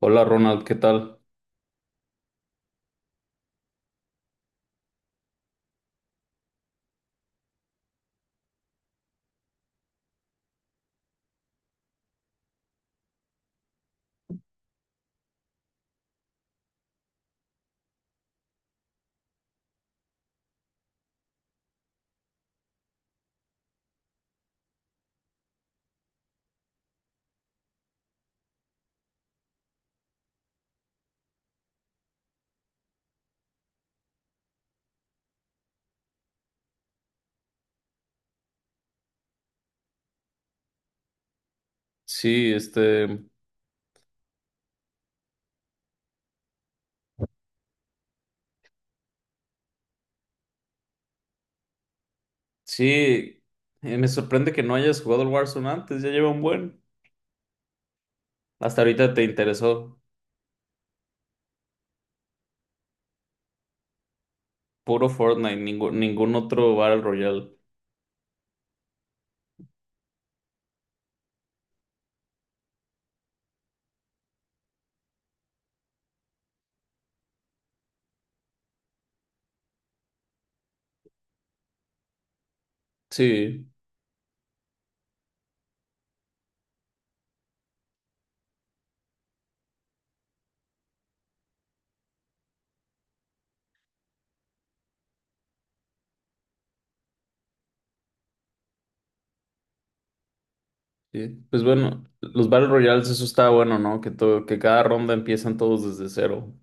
Hola Ronald, ¿qué tal? Sí, este, sí, me sorprende que no hayas jugado el Warzone antes, ya lleva un buen. Hasta ahorita te interesó puro Fortnite, ningún otro Battle Royale. Sí, sí. Pues bueno, los Battle Royales, eso está bueno, ¿no? Que cada ronda empiezan todos desde cero.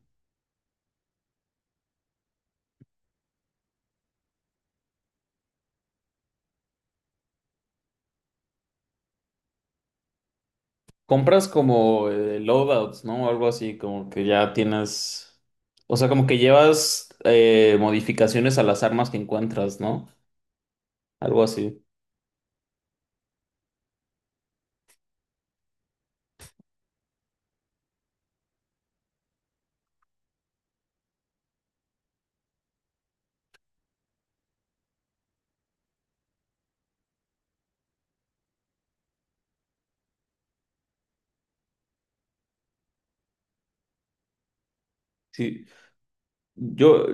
Compras como loadouts, ¿no? Algo así, como que ya tienes, o sea, como que llevas modificaciones a las armas que encuentras, ¿no? Algo así. Sí, yo.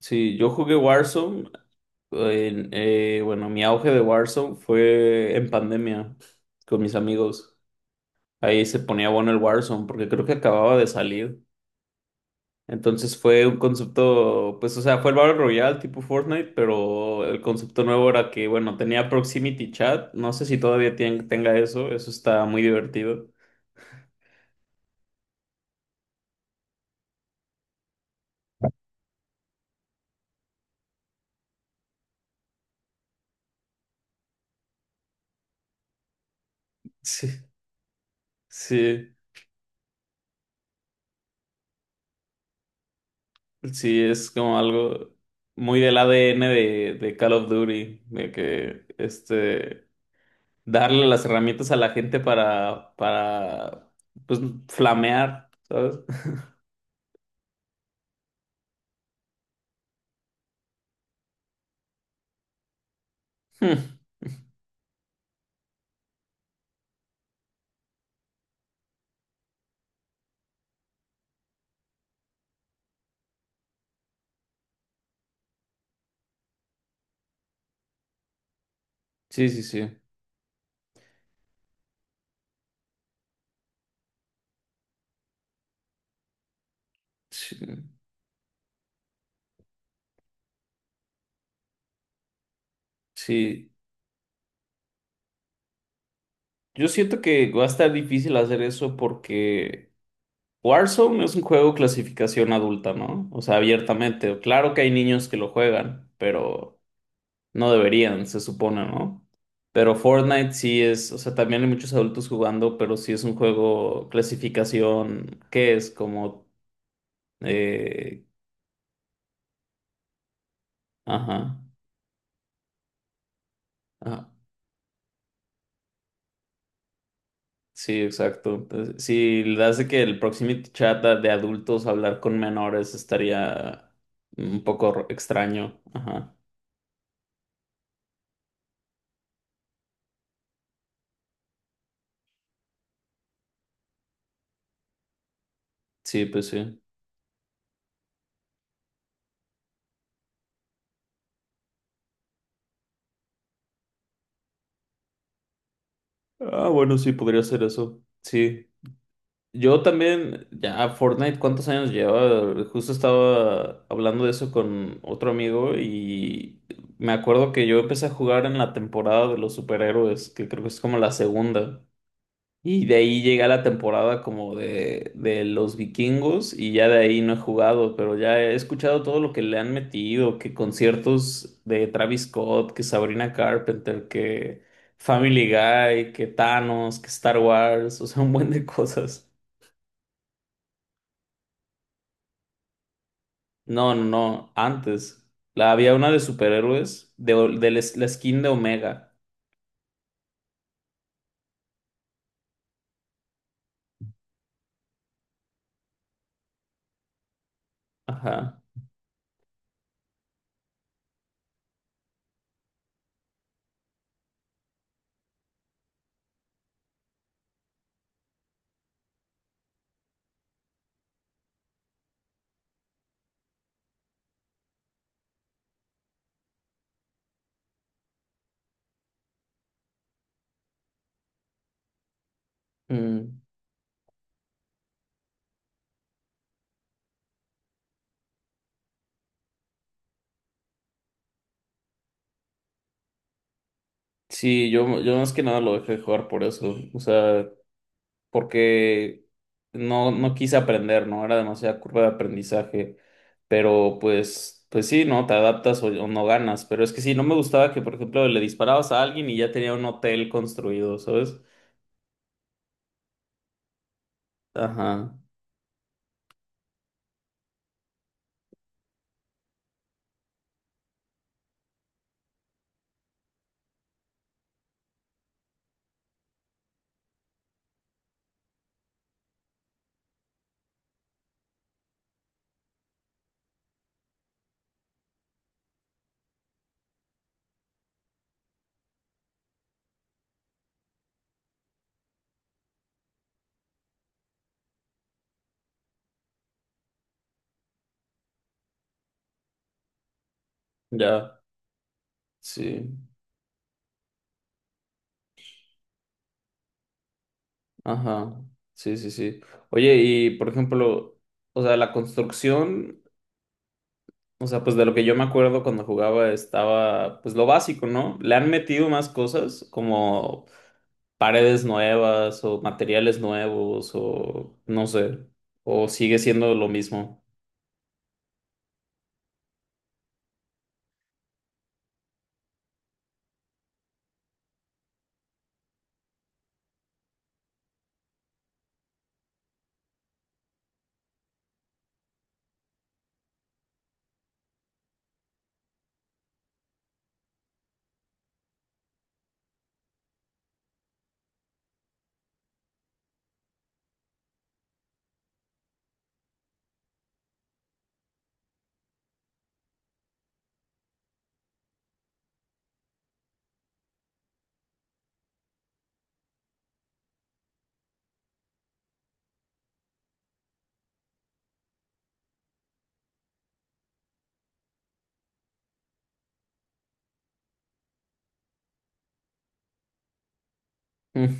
Sí, yo jugué Warzone. Bueno, mi auge de Warzone fue en pandemia con mis amigos. Ahí se ponía bueno el Warzone porque creo que acababa de salir. Entonces fue un concepto, pues, o sea, fue el Battle Royale tipo Fortnite, pero el concepto nuevo era que, bueno, tenía Proximity Chat. No sé si todavía tien- tenga eso. Eso está muy divertido. Sí, sí, sí, es como algo muy del ADN de Call of Duty, de que este. Darle las herramientas a la gente para, pues, flamear, ¿sabes? Hmm. Sí, sí, sí, sí, sí. Yo siento que va a estar difícil hacer eso porque Warzone es un juego clasificación adulta, ¿no? O sea, abiertamente. Claro que hay niños que lo juegan, pero no deberían, se supone, ¿no? Pero Fortnite sí es, o sea, también hay muchos adultos jugando, pero sí es un juego clasificación, ¿qué es? Como, eh, ajá. Ah, sí, exacto. Entonces, si le hace que el proximity chat de adultos hablar con menores estaría un poco extraño. Ajá. Sí, pues sí. Ah, bueno, sí, podría ser eso. Sí. Yo también, ya Fortnite, ¿cuántos años lleva? Justo estaba hablando de eso con otro amigo y me acuerdo que yo empecé a jugar en la temporada de los superhéroes, que creo que es como la segunda. Y de ahí llega la temporada como de los vikingos y ya de ahí no he jugado, pero ya he escuchado todo lo que le han metido, que conciertos de Travis Scott, que Sabrina Carpenter, que Family Guy, que Thanos, que Star Wars, o sea, un buen de cosas. No, antes. La, había una de superhéroes, de, de la, la skin de Omega. Ajá. Mm. Sí, yo más que nada lo dejé de jugar por eso. O sea... porque no, no quise aprender, ¿no? Era demasiada curva de aprendizaje, pero pues, pues sí, ¿no? Te adaptas o no ganas, pero es que sí, no me gustaba que, por ejemplo, le disparabas a alguien y ya tenía un hotel construido, ¿sabes? Ajá, ya, sí, ajá, sí, sí, sí. Oye, y por ejemplo, o sea, la construcción, o sea, pues de lo que yo me acuerdo cuando jugaba estaba, pues lo básico, ¿no? Le han metido más cosas como paredes nuevas o materiales nuevos o no sé, o sigue siendo lo mismo. Mm,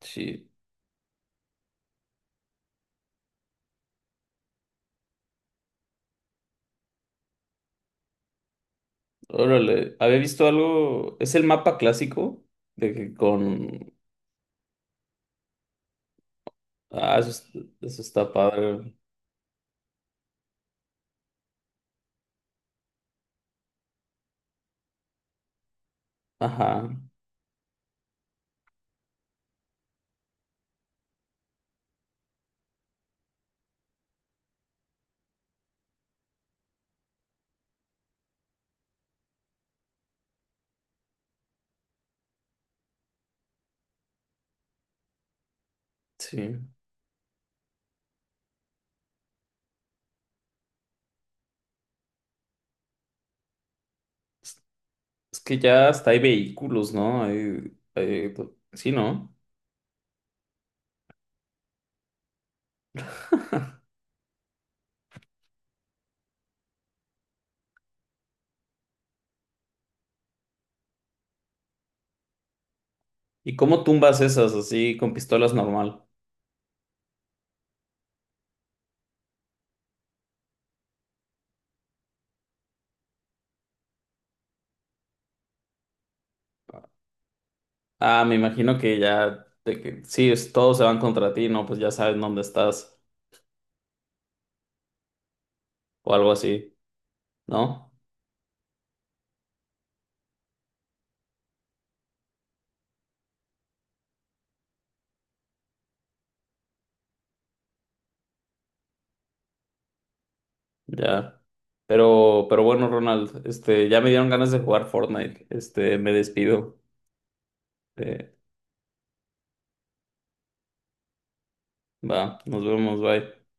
sí, órale, había visto algo, es el mapa clásico de que con... Ah, eso, eso está padre. Ajá, sí. Es que ya hasta hay vehículos, ¿no? Hay, sí, ¿no? ¿Y cómo tumbas esas así con pistolas normal? Ah, me imagino que ya, de que, sí, todos se van contra ti, ¿no? Pues ya saben dónde estás o algo así, ¿no? Ya. Pero bueno, Ronald, este, ya me dieron ganas de jugar Fortnite. Este, me despido. Eh, va, nos vemos, bye.